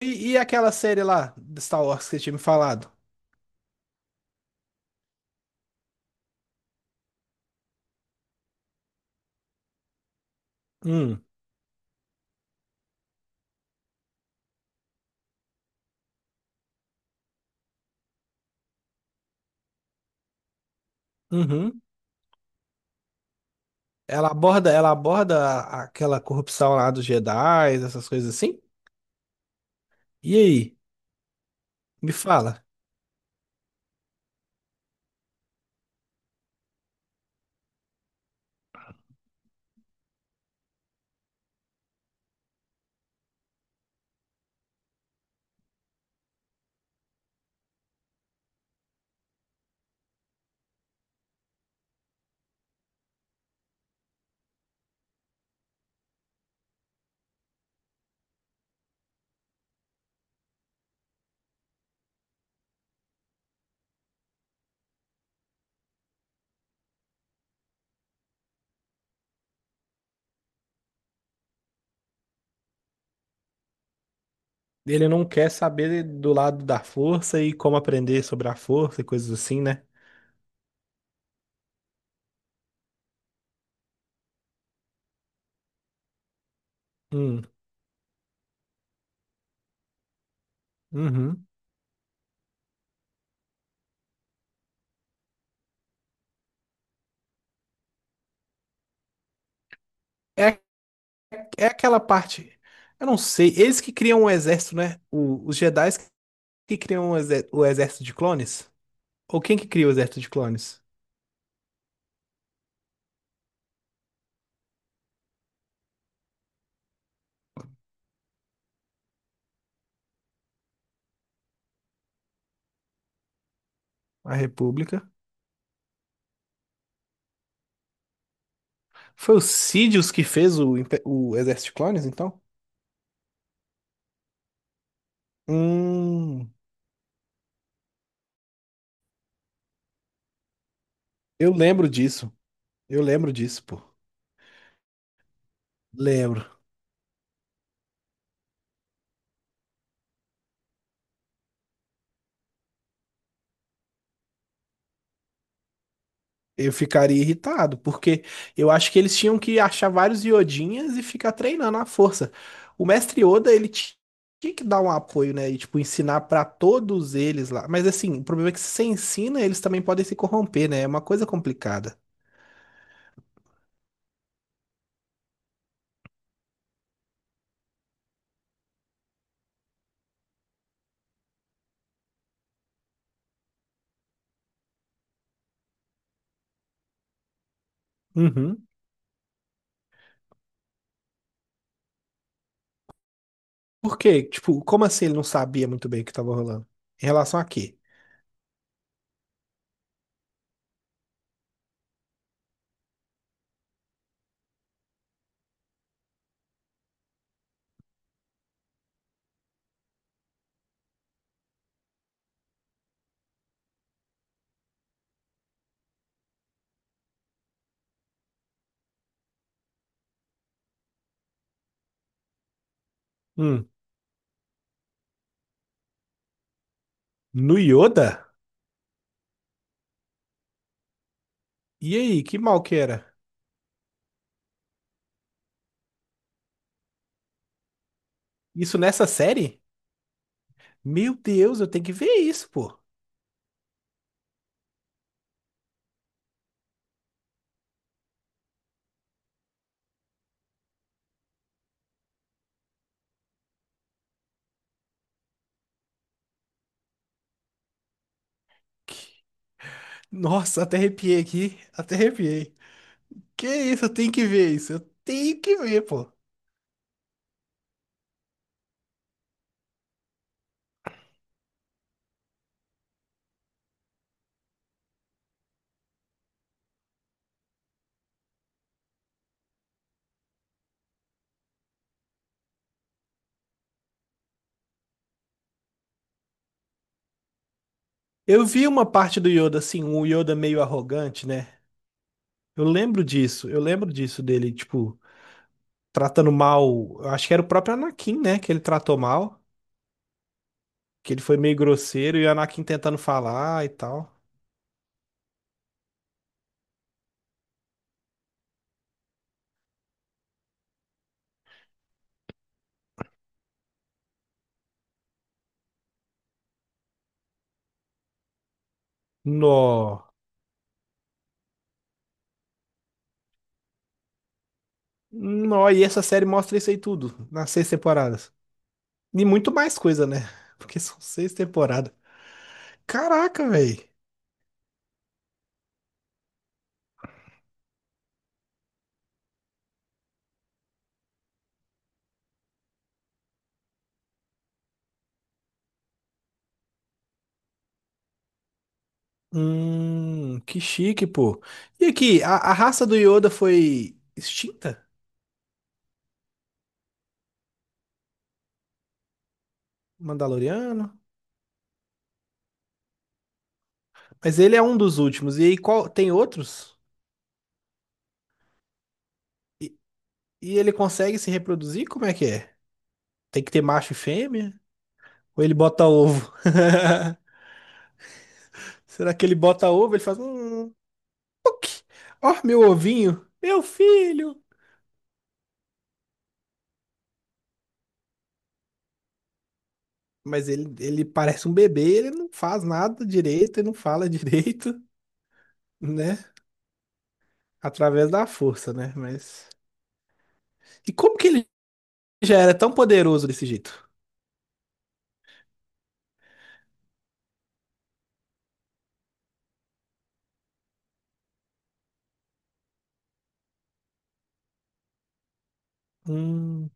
E aquela série lá, de Star Wars, que você tinha me falado? Hum, uhum. Ela aborda aquela corrupção lá dos Jedi, essas coisas assim? E aí? Me fala. Ele não quer saber do lado da força e como aprender sobre a força e coisas assim, né? Hum, uhum. É, é aquela parte. Eu não sei. Eles que criam o exército, né? Os Jedi que criam o exército de clones? Ou quem que cria o exército de clones? A República. Foi o Sidious que fez o Exército de Clones, então? Hum, eu lembro disso. Eu lembro disso, pô. Lembro. Eu ficaria irritado, porque eu acho que eles tinham que achar vários Iodinhas e ficar treinando à força. O mestre Yoda, ele tinha que dar um apoio, né? E, tipo, ensinar pra todos eles lá. Mas, assim, o problema é que se você ensina, eles também podem se corromper, né? É uma coisa complicada. Uhum. Por quê? Tipo, como assim ele não sabia muito bem o que tava rolando? Em relação a quê? Hum, no Yoda? E aí, que mal que era? Isso nessa série? Meu Deus, eu tenho que ver isso, pô. Que- Nossa, até arrepiei aqui, até arrepiei. Que isso, eu tenho que ver isso, eu tenho que ver, pô. Eu vi uma parte do Yoda, assim, um Yoda meio arrogante, né? Eu lembro disso dele, tipo, tratando mal. Eu acho que era o próprio Anakin, né? Que ele tratou mal, que ele foi meio grosseiro e o Anakin tentando falar e tal. Nó. Nó, e essa série mostra isso aí tudo, nas seis temporadas. E muito mais coisa, né? Porque são seis temporadas. Caraca, velho. Que chique, pô. E aqui, a raça do Yoda foi extinta? Mandaloriano? Mas ele é um dos últimos. E aí, qual, tem outros? E, e ele consegue se reproduzir? Como é que é? Tem que ter macho e fêmea? Ou ele bota ovo? Será que ele bota ovo? Ele faz. Puc. Ó, meu ovinho. Meu filho. Mas ele parece um bebê, ele não faz nada direito e não fala direito, né? Através da força, né? Mas. E como que ele já era tão poderoso desse jeito? Hum,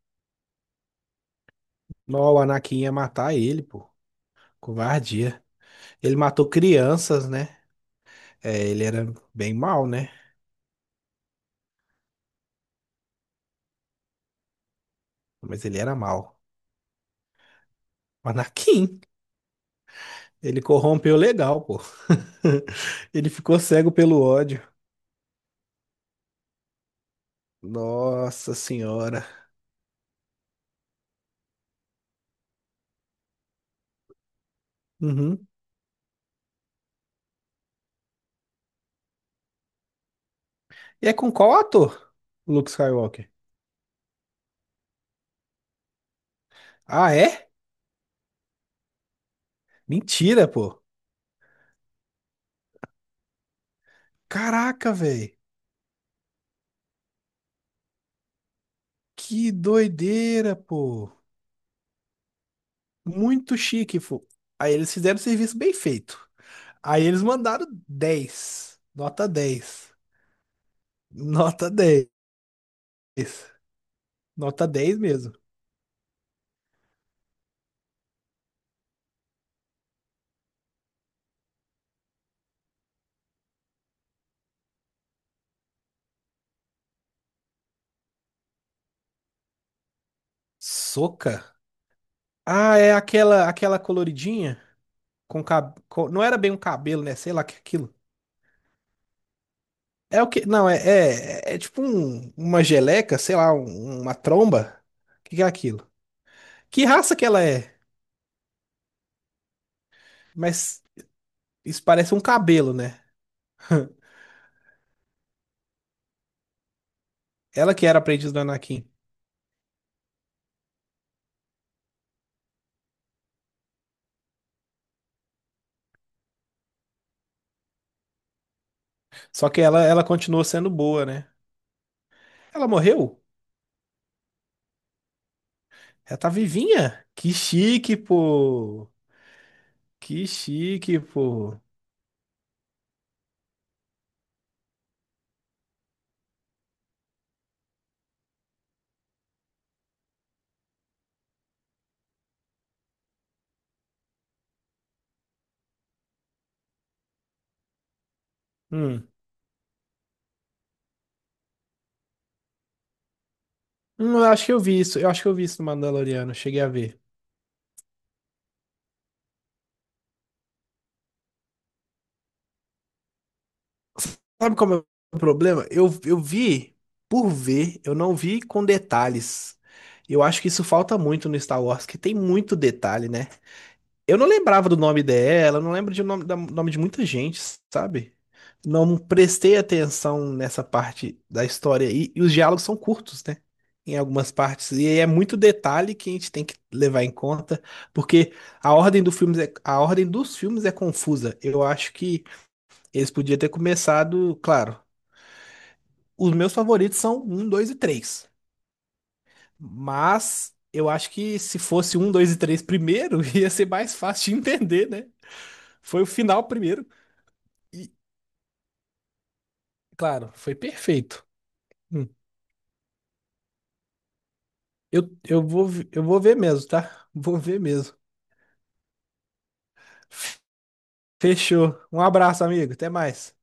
não, o Anakin ia matar ele, pô. Covardia. Ele matou crianças, né? É, ele era bem mal, né? Mas ele era mal. O Anakin, ele corrompeu legal, pô. Ele ficou cego pelo ódio. Nossa senhora. Uhum. E é com qual ator? Luke Skywalker. Ah, é? Mentira, pô. Caraca, velho. Que doideira, pô. Muito chique, pô. Aí eles fizeram o serviço bem feito. Aí eles mandaram 10. Nota 10. Nota 10. Nota dez mesmo. Soca. Ah, é aquela coloridinha com não era bem um cabelo, né? Sei lá que é aquilo. É o que? Não, é tipo uma geleca, sei lá, uma tromba. O que que é aquilo? Que raça que ela é? Mas isso parece um cabelo, né? Ela que era aprendiz do Anakin. Só que ela continuou sendo boa, né? Ela morreu? Ela tá vivinha? Que chique, pô! Que chique, pô! Hum. Eu acho que eu vi isso. Eu acho que eu vi isso no Mandaloriano. Eu cheguei a ver. Sabe qual é o meu problema? Eu vi por ver, eu não vi com detalhes. Eu acho que isso falta muito no Star Wars, que tem muito detalhe, né? Eu não lembrava do nome dela, eu não lembro de nome, nome de muita gente, sabe? Não prestei atenção nessa parte da história aí, e os diálogos são curtos, né? Em algumas partes. E é muito detalhe que a gente tem que levar em conta, porque a ordem do filme é, a ordem dos filmes é confusa. Eu acho que eles podiam ter começado, claro, os meus favoritos são 1, 2 e 3. Mas eu acho que se fosse 1, 2 e 3 primeiro, ia ser mais fácil de entender, né? Foi o final primeiro. E, claro, foi perfeito. Hum. Eu vou ver mesmo, tá? Vou ver mesmo. Fechou. Um abraço, amigo. Até mais.